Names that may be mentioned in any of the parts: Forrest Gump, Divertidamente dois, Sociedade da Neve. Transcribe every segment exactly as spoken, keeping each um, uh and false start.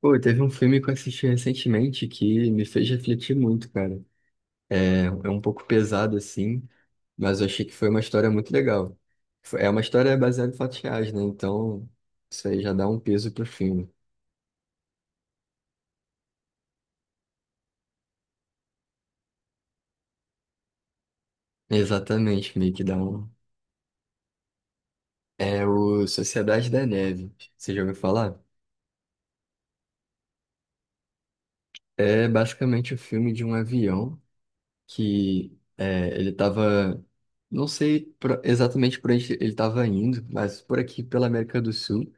Pô, teve um filme que eu assisti recentemente que me fez refletir muito, cara. É, é um pouco pesado assim, mas eu achei que foi uma história muito legal. Foi- É uma história baseada em fatos reais, né? Então, isso aí já dá um peso pro filme. Exatamente, meio que dá um. É o Sociedade da Neve. Você já ouviu falar? É basicamente o filme de um avião que é, ele tava. Não sei pro- exatamente por onde ele estava indo, mas por aqui, pela América do Sul.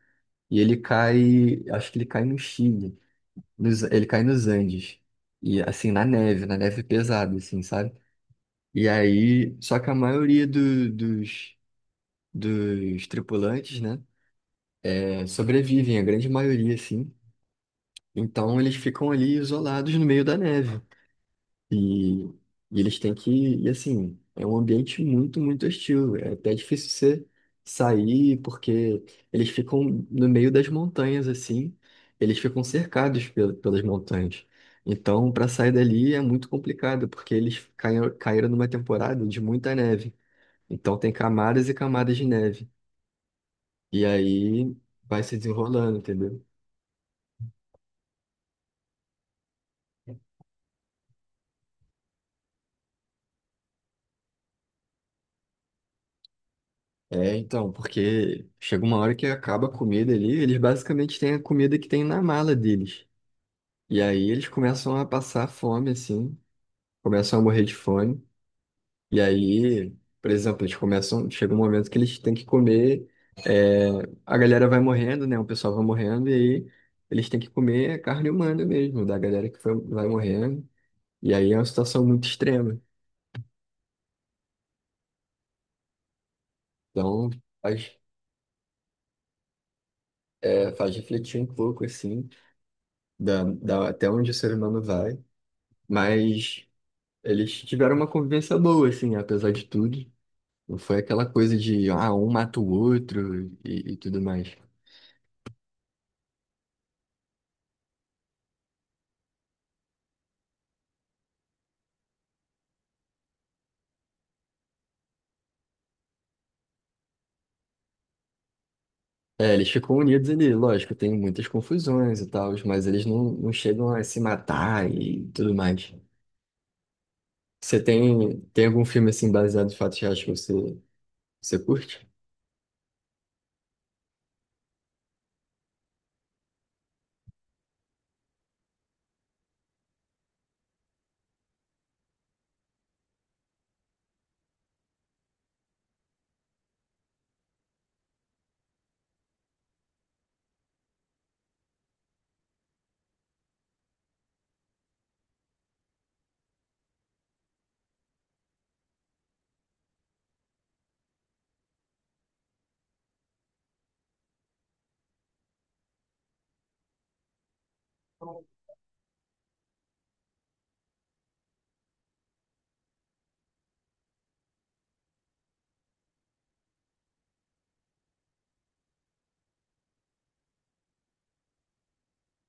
E ele cai, acho que ele cai no Chile, nos- ele cai nos Andes. E assim, na neve, na neve pesada, assim, sabe? E aí, só que a maioria do- dos, dos tripulantes, né, é, sobrevivem, a grande maioria, assim. Então eles ficam ali isolados no meio da neve. E, e eles têm que, e assim, é um ambiente muito, muito hostil. É até difícil você sair, porque eles ficam no meio das montanhas, assim, eles ficam cercados pel- pelas montanhas. Então, para sair dali é muito complicado, porque eles caíram, caíram numa temporada de muita neve. Então, tem camadas e camadas de neve. E aí vai se desenrolando, entendeu? É, então, porque chega uma hora que acaba a comida ali, eles basicamente têm a comida que tem na mala deles. E aí eles começam a passar fome, assim, começam a morrer de fome. E aí, por exemplo, eles começam, chega um momento que eles têm que comer, é, a galera vai morrendo, né? O pessoal vai morrendo, e aí eles têm que comer carne humana mesmo, da galera que foi- vai morrendo. E aí é uma situação muito extrema. Então, faz, é, faz refletir um pouco, assim, da, da- até onde o ser humano vai. Mas eles tiveram uma convivência boa, assim, apesar de tudo. Não foi aquela coisa de, ah, um mata o outro e, e tudo mais. É, eles ficam unidos ali, lógico, tem muitas confusões e tal, mas eles não, não chegam a se matar e tudo mais. Você tem, tem algum filme assim baseado em fatos reais que você, você curte?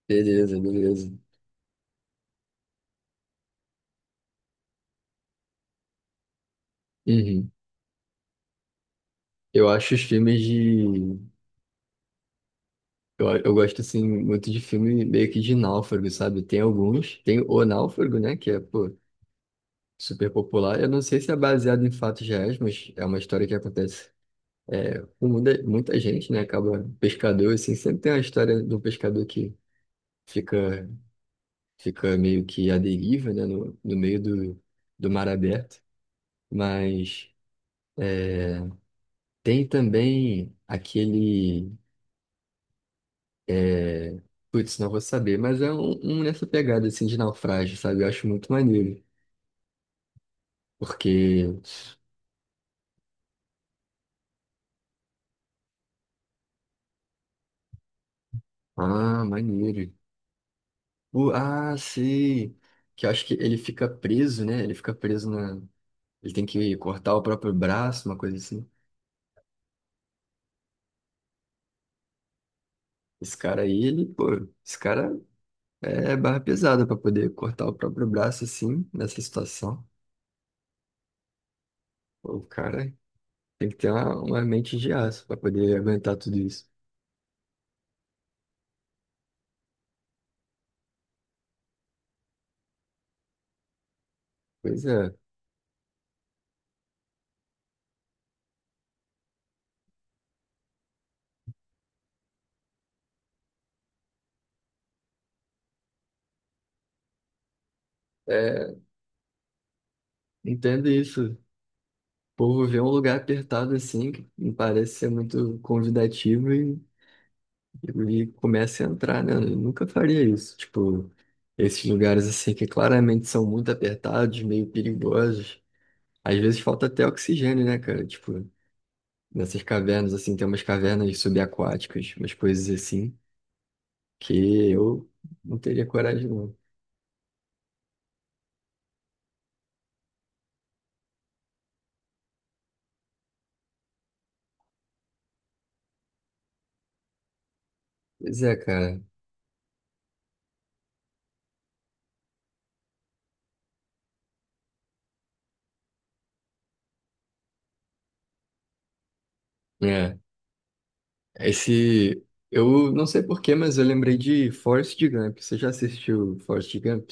Beleza, beleza. Uhum. Eu acho os filmes de. Eu, eu gosto assim muito de filme meio que de náufrago, sabe? Tem alguns. Tem O Náufrago, né? Que é, pô, super popular. Eu não sei se é baseado em fatos reais, mas é uma história que acontece. É, muita, muita gente, né, acaba pescador, assim, sempre tem a história do pescador que fica, fica meio que à deriva, né, no, no meio do, do mar aberto, mas tem também aquele, é, putz, não vou saber, mas é um, um nessa pegada, assim, de naufrágio, sabe, eu acho muito maneiro, porque, ah, maneiro. O- ah, sei, que eu acho que ele fica preso, né, ele fica preso na, ele tem que cortar o próprio braço, uma coisa assim. Esse cara aí, ele, pô, esse cara é barra pesada pra poder cortar o próprio braço assim, nessa situação. Pô, o cara tem que ter uma, uma mente de aço pra poder aguentar tudo isso. Pois é, é, entendo isso. O povo vê um lugar apertado assim, que não parece ser muito convidativo e, e começa a entrar, né? Eu nunca faria isso. Tipo, esses lugares assim que claramente são muito apertados, meio perigosos. Às vezes falta até oxigênio, né, cara? Tipo. Nessas cavernas, assim, tem umas cavernas subaquáticas, umas coisas assim, que eu não teria coragem, não. Pois é, cara. É, esse... Eu não sei porquê, mas eu lembrei de Forrest Gump. Você já assistiu Forrest Gump?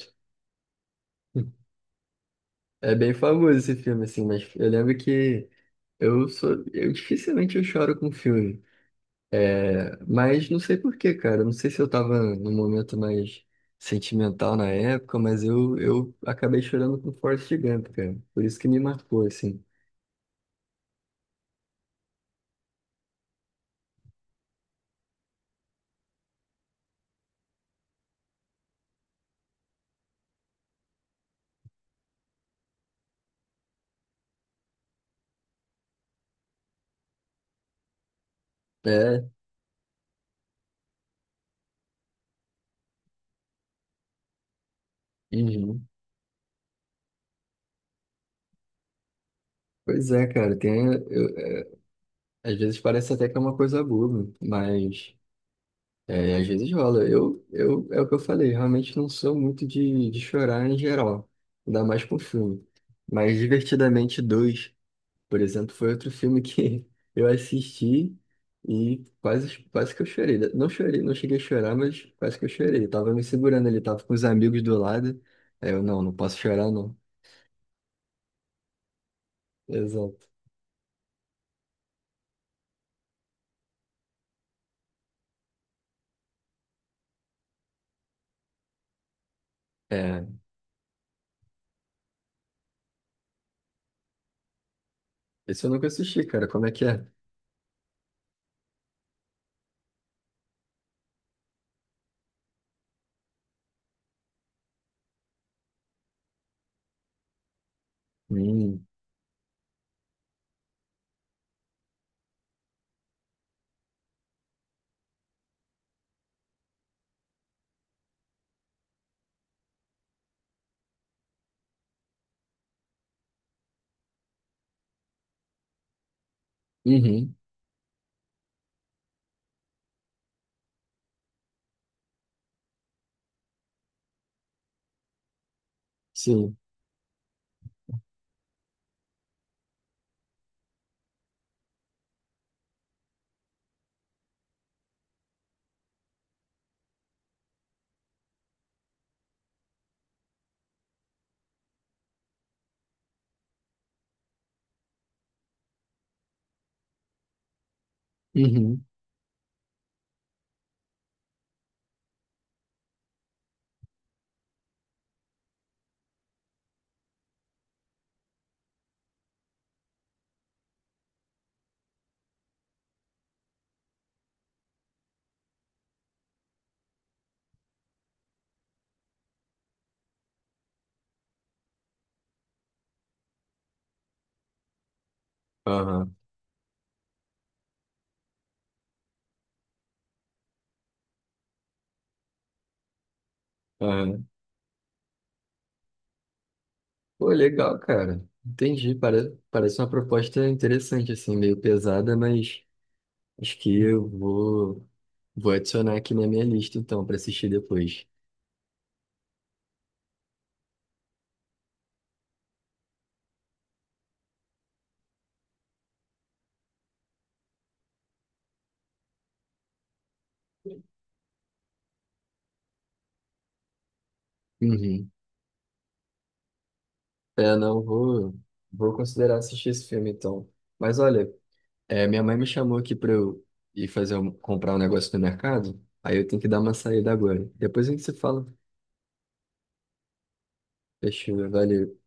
É bem famoso esse filme, assim, mas eu lembro que eu sou... Eu dificilmente eu choro com filme. É, mas não sei por quê, cara. Não sei se eu tava num momento mais sentimental na época, mas eu, eu acabei chorando com Forrest Gump, cara. Por isso que me marcou, assim. É, uhum. Pois é, cara. Tem, eu- é, às vezes parece até que é uma coisa boba, mas é, às vezes rola. Eu, eu, é o que eu falei, realmente não sou muito de, de chorar em geral, ainda mais com filme. Mas Divertidamente dois. Por exemplo, foi outro filme que eu assisti e quase, quase que eu chorei. Não chorei, não cheguei a chorar, mas quase que eu chorei. Eu tava me segurando ali, tava com os amigos do lado. Aí eu, não, não posso chorar, não. Exato. É, esse eu nunca assisti, cara. Como é que é? Hum, uhum, sim, uhum, aham, aham. Pô, legal, cara. Entendi. Parece, parece uma proposta interessante, assim, meio pesada, mas acho que eu vou, vou adicionar aqui na minha lista, então, pra assistir depois. Uhum. É, não, vou, vou considerar assistir esse filme então. Mas olha, é, minha mãe me chamou aqui para eu ir fazer um- comprar um negócio no mercado, aí eu tenho que dar uma saída agora. Depois a gente se fala. Fechou, valeu.